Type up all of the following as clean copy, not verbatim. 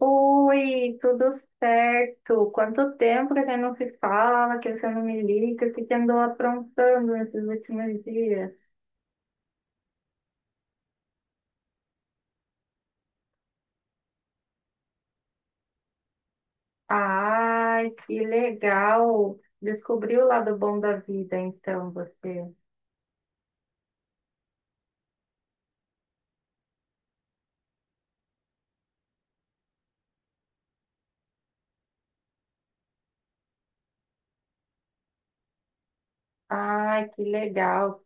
Oi, tudo certo? Quanto tempo que você não se fala, que você não me liga, o que você andou aprontando nesses últimos dias? Ai, que legal! Descobriu o lado bom da vida, então, você. Ai, que legal!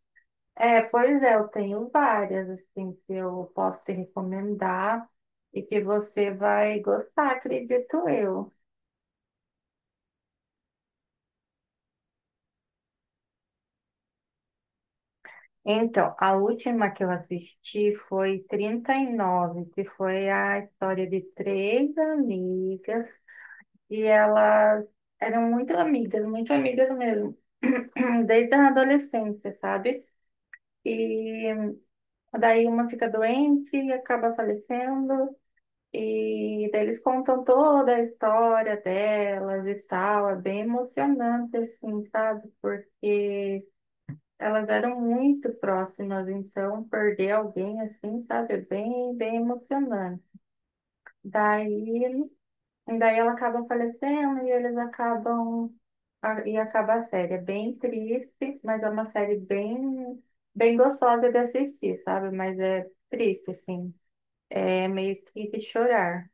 É, pois é, eu tenho várias, assim, que eu posso te recomendar e que você vai gostar, acredito eu. Então, a última que eu assisti foi 39, que foi a história de três amigas, e elas eram muito amigas mesmo, desde a adolescência, sabe? E daí uma fica doente e acaba falecendo, e daí eles contam toda a história delas e tal, é bem emocionante, assim, sabe? Porque elas eram muito próximas, então perder alguém assim, sabe, é bem, bem emocionante. Daí, daí ela acaba falecendo e eles acabam e acaba a série. É bem triste, mas é uma série bem, bem gostosa de assistir, sabe? Mas é triste, assim. É meio que de chorar.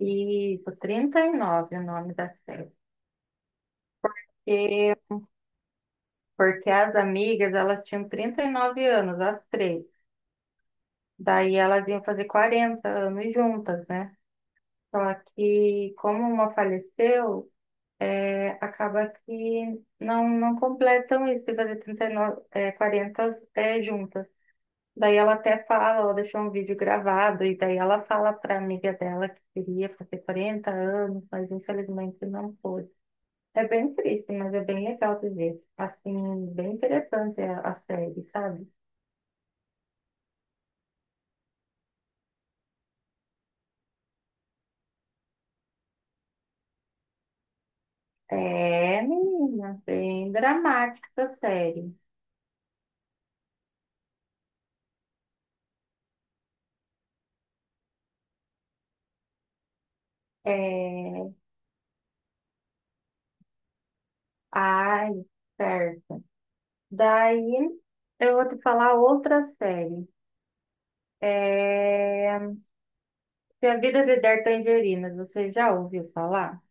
E isso, 39 o nome da série. E porque as amigas, elas tinham 39 anos, as três. Daí elas iam fazer 40 anos juntas, né? Só que como uma faleceu, é, acaba que não, não completam isso de fazer 39, é, 40 é, juntas. Daí ela até fala, ela deixou um vídeo gravado, e daí ela fala para amiga dela que queria fazer 40 anos, mas infelizmente não pôde. É bem triste, mas é bem legal de ver. Assim, bem interessante a série, sabe? É, menina, bem dramática a série. É... Ai, certo. Daí eu vou te falar outra série. É... Se a Vida lhe der tangerinas, você já ouviu falar?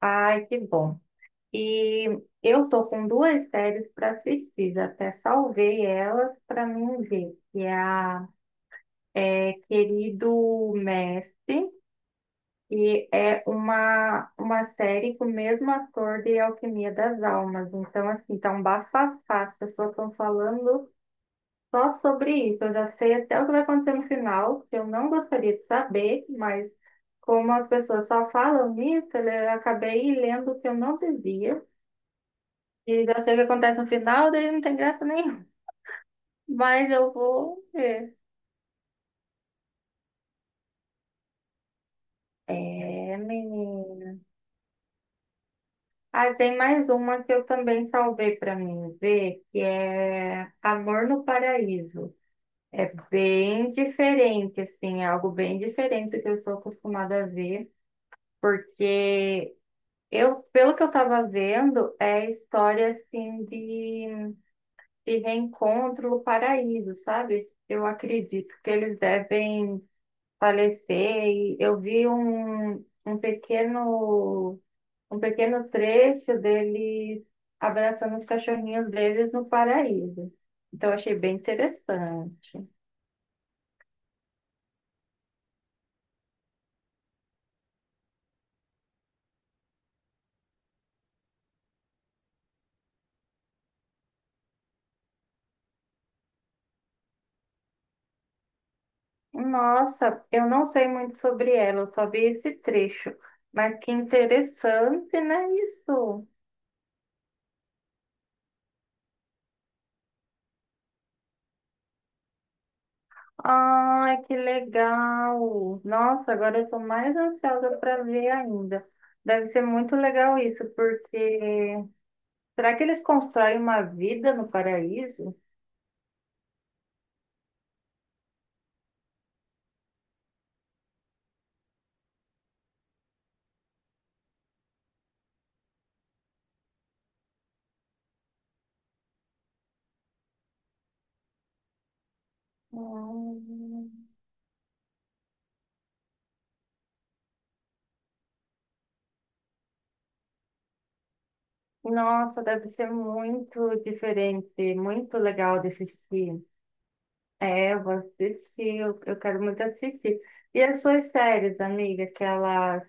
Ai, que bom. E eu tô com duas séries para assistir, até salvei elas para mim ver, que é a é, Querido Mestre. E é uma série com o mesmo ator de Alquimia das Almas. Então, assim, tá um bafafá. As pessoas estão falando só sobre isso. Eu já sei até o que vai acontecer no final, que eu não gostaria de saber, mas como as pessoas só falam nisso, eu acabei lendo o que eu não devia. E já sei o que acontece no final, daí não tem graça nenhuma. Mas eu vou ver. É, menino. Ah, tem mais uma que eu também salvei para mim ver, que é Amor no Paraíso. É bem diferente, assim, é algo bem diferente do que eu estou acostumada a ver, porque eu, pelo que eu estava vendo, é história assim de reencontro no paraíso, sabe? Eu acredito que eles devem falecer e eu vi um pequeno um pequeno trecho deles abraçando os cachorrinhos deles no paraíso. Então, eu achei bem interessante. Nossa, eu não sei muito sobre ela, eu só vi esse trecho. Mas que interessante, né, isso? Ai, que legal! Nossa, agora eu estou mais ansiosa para ver ainda. Deve ser muito legal isso, porque será que eles constroem uma vida no paraíso? Hum. Nossa, deve ser muito diferente, muito legal de assistir. É, eu vou assistir, eu quero muito assistir. E as suas séries, amiga, aquelas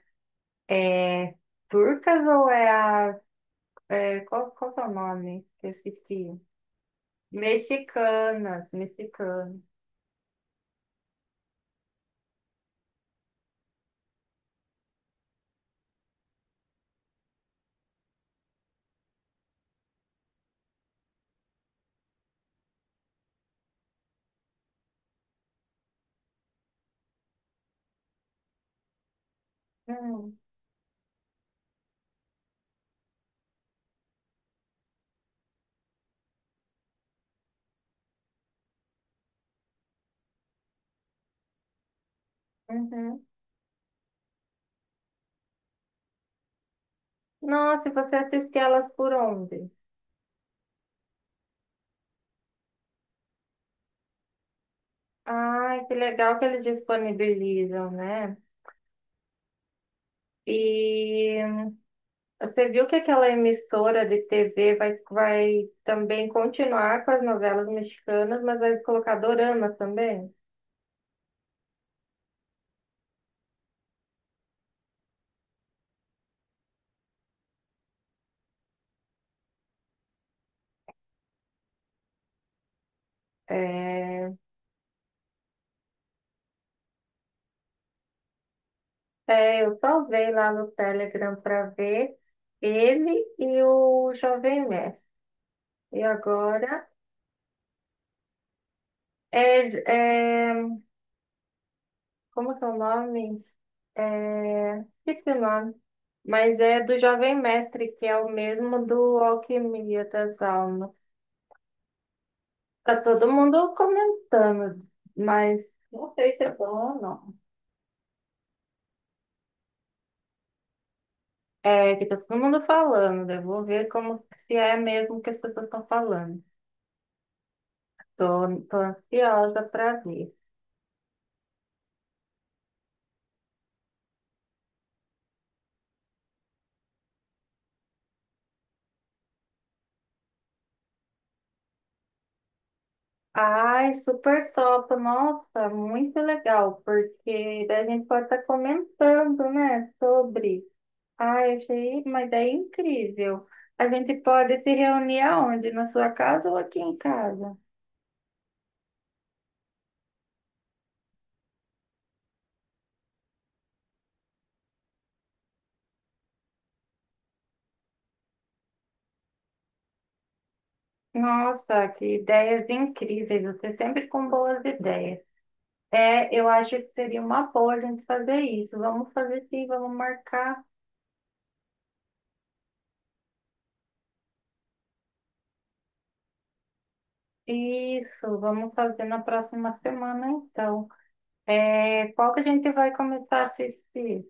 é, turcas ou é a. É, qual que é o nome que eu assisti? Mexicanas, mexicanas. Hum, uhum. Nossa, e você assiste elas por onde? Ai, que legal que eles disponibilizam, né? E você viu que aquela emissora de TV vai também continuar com as novelas mexicanas, mas vai colocar dorama também? É, eu salvei lá no Telegram para ver ele e o Jovem Mestre. E agora é, é, como que é o nome? É, esqueci o nome. Mas é do Jovem Mestre, que é o mesmo do Alquimia das Almas. Tá todo mundo comentando, mas não sei se é bom ou não. É que tá todo mundo falando, eu vou ver como se é mesmo que as pessoas estão falando. Tô ansiosa para ver. Ai, super top, nossa, muito legal, porque daí a gente pode estar comentando, né, sobre. Ai, achei uma ideia incrível. A gente pode se reunir aonde? Na sua casa ou aqui em casa? Nossa, que ideias incríveis. Você sempre com boas ideias. É, eu acho que seria uma boa a gente fazer isso. Vamos fazer sim, vamos marcar isso. Vamos fazer na próxima semana, então. É, qual que a gente vai começar a assistir?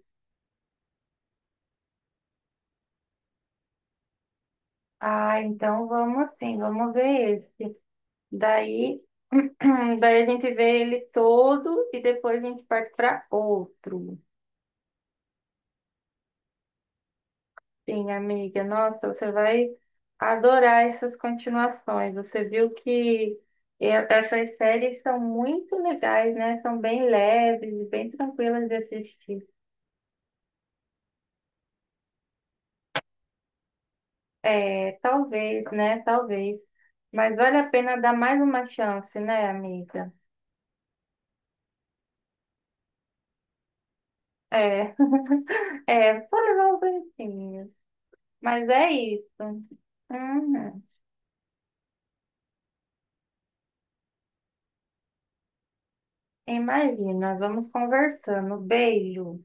Ah, então vamos sim, vamos ver esse. Daí, daí a gente vê ele todo e depois a gente parte para outro. Sim, amiga, nossa, você vai adorar essas continuações. Você viu que essas séries são muito legais, né? São bem leves e bem tranquilas de assistir. É, talvez, né? Talvez. Mas vale a pena dar mais uma chance, né, amiga? É, é, só levar os bonitinhos. Mas é isso. Uhum. Imagina, vamos conversando. Beijo.